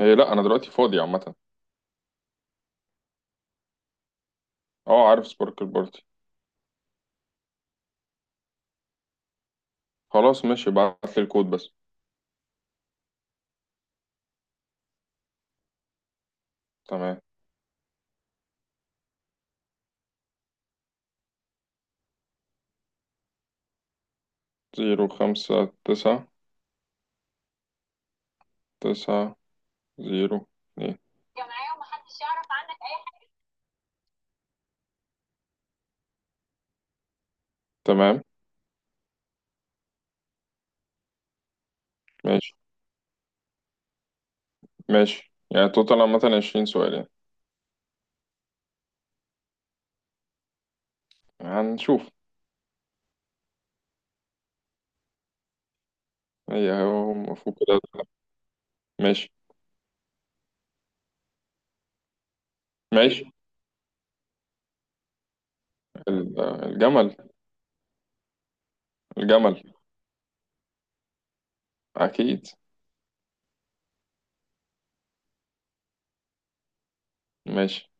إيه، لا. انا دلوقتي فاضي عامه. اه، عارف سباركل بارتي. خلاص ماشي، ابعت لي الكود بس. تمام. زيرو، خمسة، تسعة. تسعة. زيرو. اتنين. تمام. ماشي، ماشي. يعني توتال عامة 20 سؤال يعني. هنشوف. هو المفروض كده. ماشي ماشي. الجمل. الجمل، أكيد. ماشي.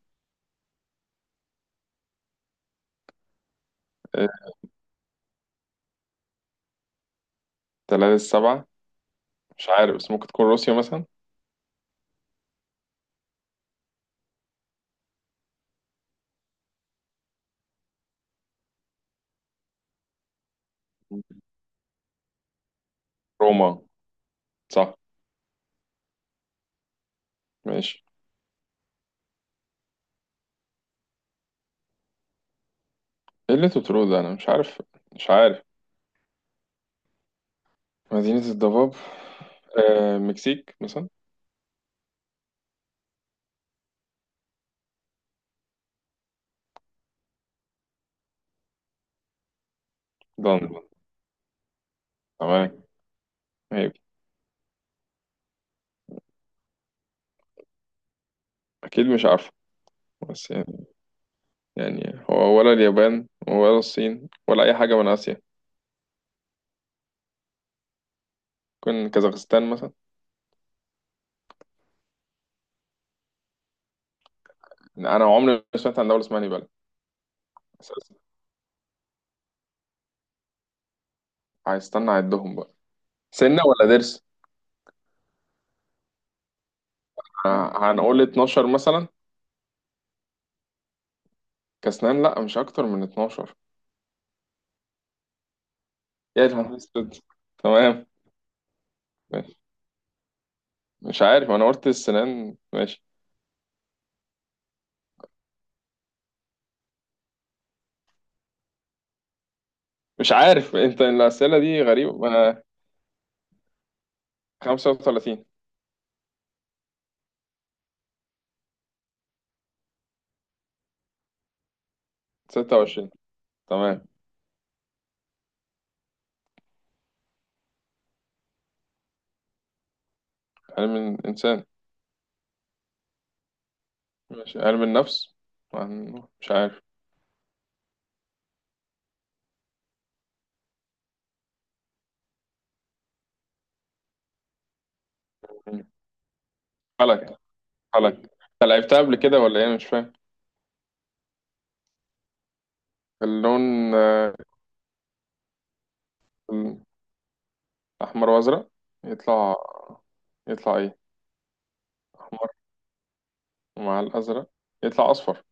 إيه، تلاتة السبعة. مش عارف، بس ممكن تكون روسيا مثلا. روما، صح. ماشي. ايه اللي انتوا بتقولوه ده؟ انا مش عارف. مش عارف. مدينة الضباب. آه، مكسيك مثلا. لندن. تمام. هي دي. أكيد مش عارفة. بس يعني، يعني هو ولا اليابان ولا الصين ولا أي حاجة من آسيا. ممكن كازاخستان مثلا. يعني أنا عمري ما سمعت عن دولة اسمها نيبال. أساسا. هيستنى أعدهم بقى. سنة ولا ضرس؟ هنقول 12 مثلا. كأسنان، لأ، مش أكتر من 12. يا نهار أسود. تمام. ماشي. مش عارف، أنا قلت السنان. ماشي. مش عارف، أنت الأسئلة دي غريبة. 35. 26. تمام. علم الإنسان. ماشي، علم النفس. مش عارف. مم. فلك، فلك. أنت لعبتها قبل كده ولا إيه؟ أنا مش فاهم. اللون. آه، الأحمر وأزرق. يطلع يطلع إيه؟ أحمر مع الأزرق يطلع أصفر.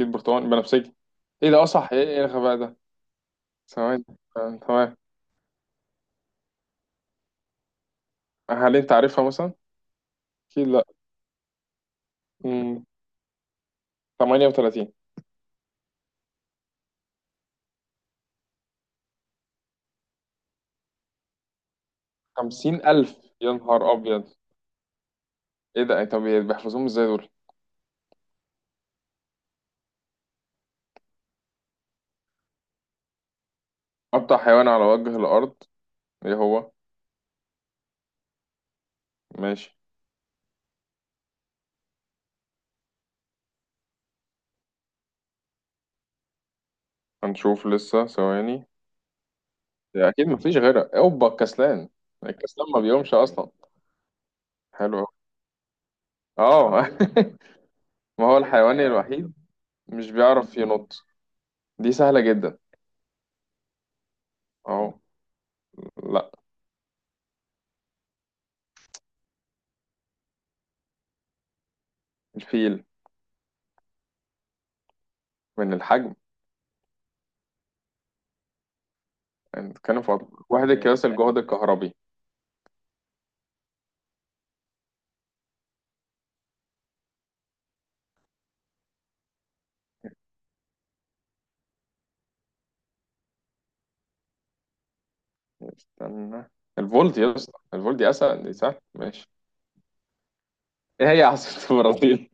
أكيد برتقاني، بنفسجي. إيه ده؟ أصح إيه الغباء ده؟ ثواني. آه، تمام. هل أنت عارفها مثلا؟ أكيد لأ. مم، 38. 50,000. يا نهار أبيض. إيه ده؟ طب بيحفظوهم إزاي دول؟ أبطأ حيوان على وجه الأرض، إيه هو؟ ماشي. هنشوف لسه، ثواني. يا اكيد مفيش غيرها، اوبا، الكسلان. الكسلان ما بيقومش اصلا. حلو أوي. اه. ما هو الحيوان الوحيد؟ مش بيعرف ينط. دي سهلة جدا. اه. لا. الفيل. من الحجم. يعني بتتكلم في. واحد، قياس الجهد الكهربي. استنى. الفولت يا اسطى، الفولت دي اسهل، دي سهل. ماشي. ايه هي عاصمة البرازيل؟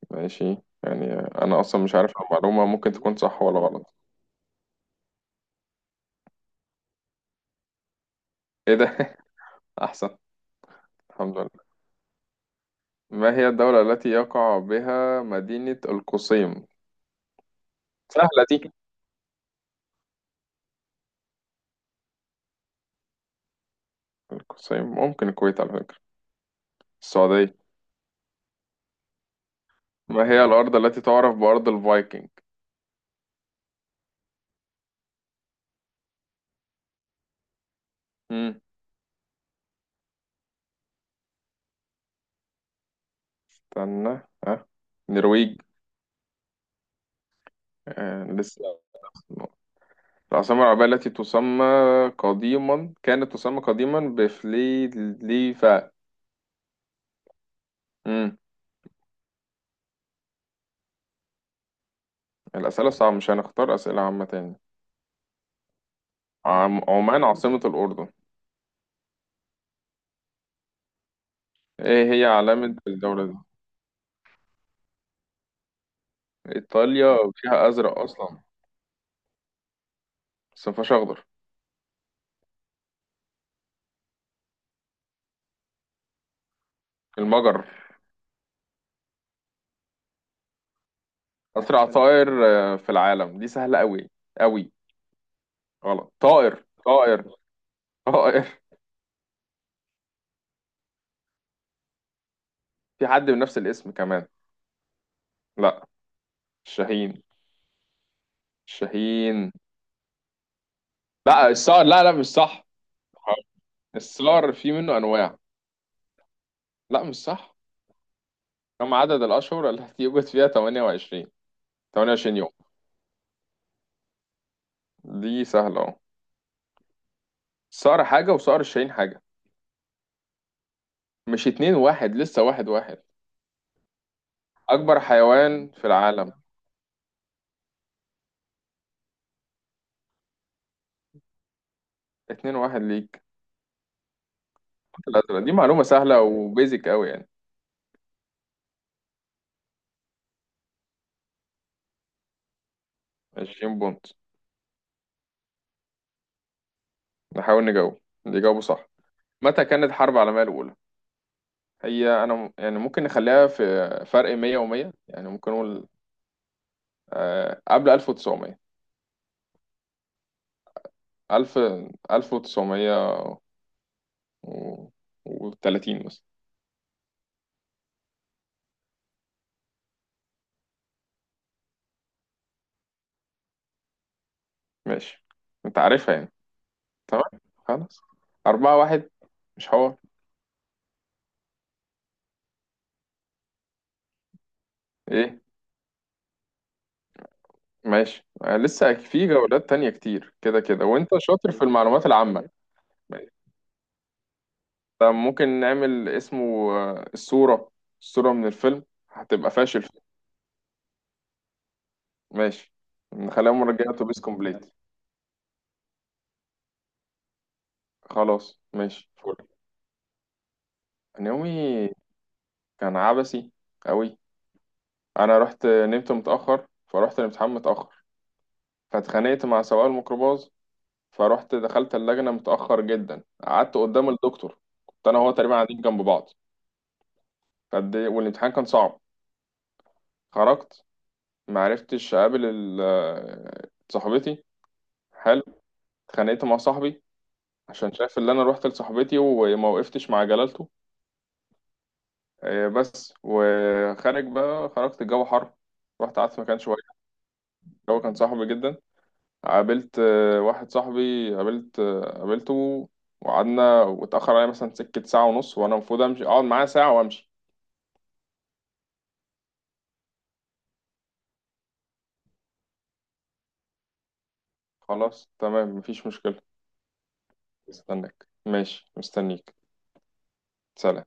ماشي. يعني انا اصلا مش عارف المعلومة، ممكن تكون صح ولا غلط. ايه ده؟ احسن. الحمد لله. ما هي الدولة التي يقع بها مدينة القصيم؟ سهلة دي. القصيم، ممكن الكويت على فكرة. السعودية. ما هي الأرض التي تعرف بأرض الفايكنج؟ مم. استنى، ها. نرويج. آه. لسه. العاصمة العربية التي تسمى، قديما كانت تسمى قديما بفليفا. مم. الأسئلة صعبة، مش هنختار أسئلة عامة تاني؟ عمان عاصمة الأردن. إيه هي علامة الدولة دي؟ إيطاليا فيها أزرق أصلا. بس مفيهاش أخضر. المجر. أسرع طائر في العالم، دي سهلة أوي. أوي. غلط، طائر طائر. طائر، في حد بنفس الاسم كمان. لا. الشاهين. الشاهين. لا، الصقر، لا، لا، مش صح. الصقر في منه أنواع. لا، مش صح. كم عدد الأشهر التي يوجد فيها 28؟ 28 يوم. دي سهلة أهو. الصقر حاجة وصقر الشاهين حاجة. مش 2-1، لسه 1-1. أكبر حيوان في العالم. 2-1 ليك. الأزرق دي معلومة سهلة وبيزك أوي يعني. 20 بونت. نحاول نجاوب، اللي يجاوبه صح. متى كانت الحرب العالمية الأولى؟ هي أنا يعني ممكن نخليها في فرق 100 و100. يعني ممكن نقول قبل 1900. 1000. 1930 مثلا. ماشي، أنت عارفها يعني. تمام. خلاص. 4-1. مش حوار. إيه؟ ماشي. لسه في جولات تانية كتير كده كده، وأنت شاطر في المعلومات العامة. ماشي. طب ممكن نعمل اسمه الصورة، الصورة من الفيلم. هتبقى فاشل. ماشي. نخليها مرجعة اتوبيس كومبليت. خلاص ماشي، فل. أنا يومي كان عبثي قوي. انا رحت نمت متأخر، فرحت الامتحان متأخر. فاتخانقت مع سواق الميكروباص. فرحت دخلت اللجنة متأخر جدا، قعدت قدام الدكتور. كنت انا وهو تقريبا قاعدين جنب بعض. والامتحان كان صعب. خرجت. معرفتش اقابل صاحبتي. حلو. اتخانقت مع صاحبي، عشان شايف اللي انا رحت لصاحبتي وما وقفتش مع جلالته. بس، وخارج بقى، خرجت الجو حر. رحت قعدت في مكان شوية. الجو كان صاحبي جدا. قابلت واحد صاحبي، قابلته. وقعدنا واتأخر عليا مثلا سكة، ساعة ونص، وأنا المفروض أمشي أقعد معاه ساعة وأمشي. خلاص تمام، مفيش مشكلة. مستناك، ماشي مستنيك. سلام.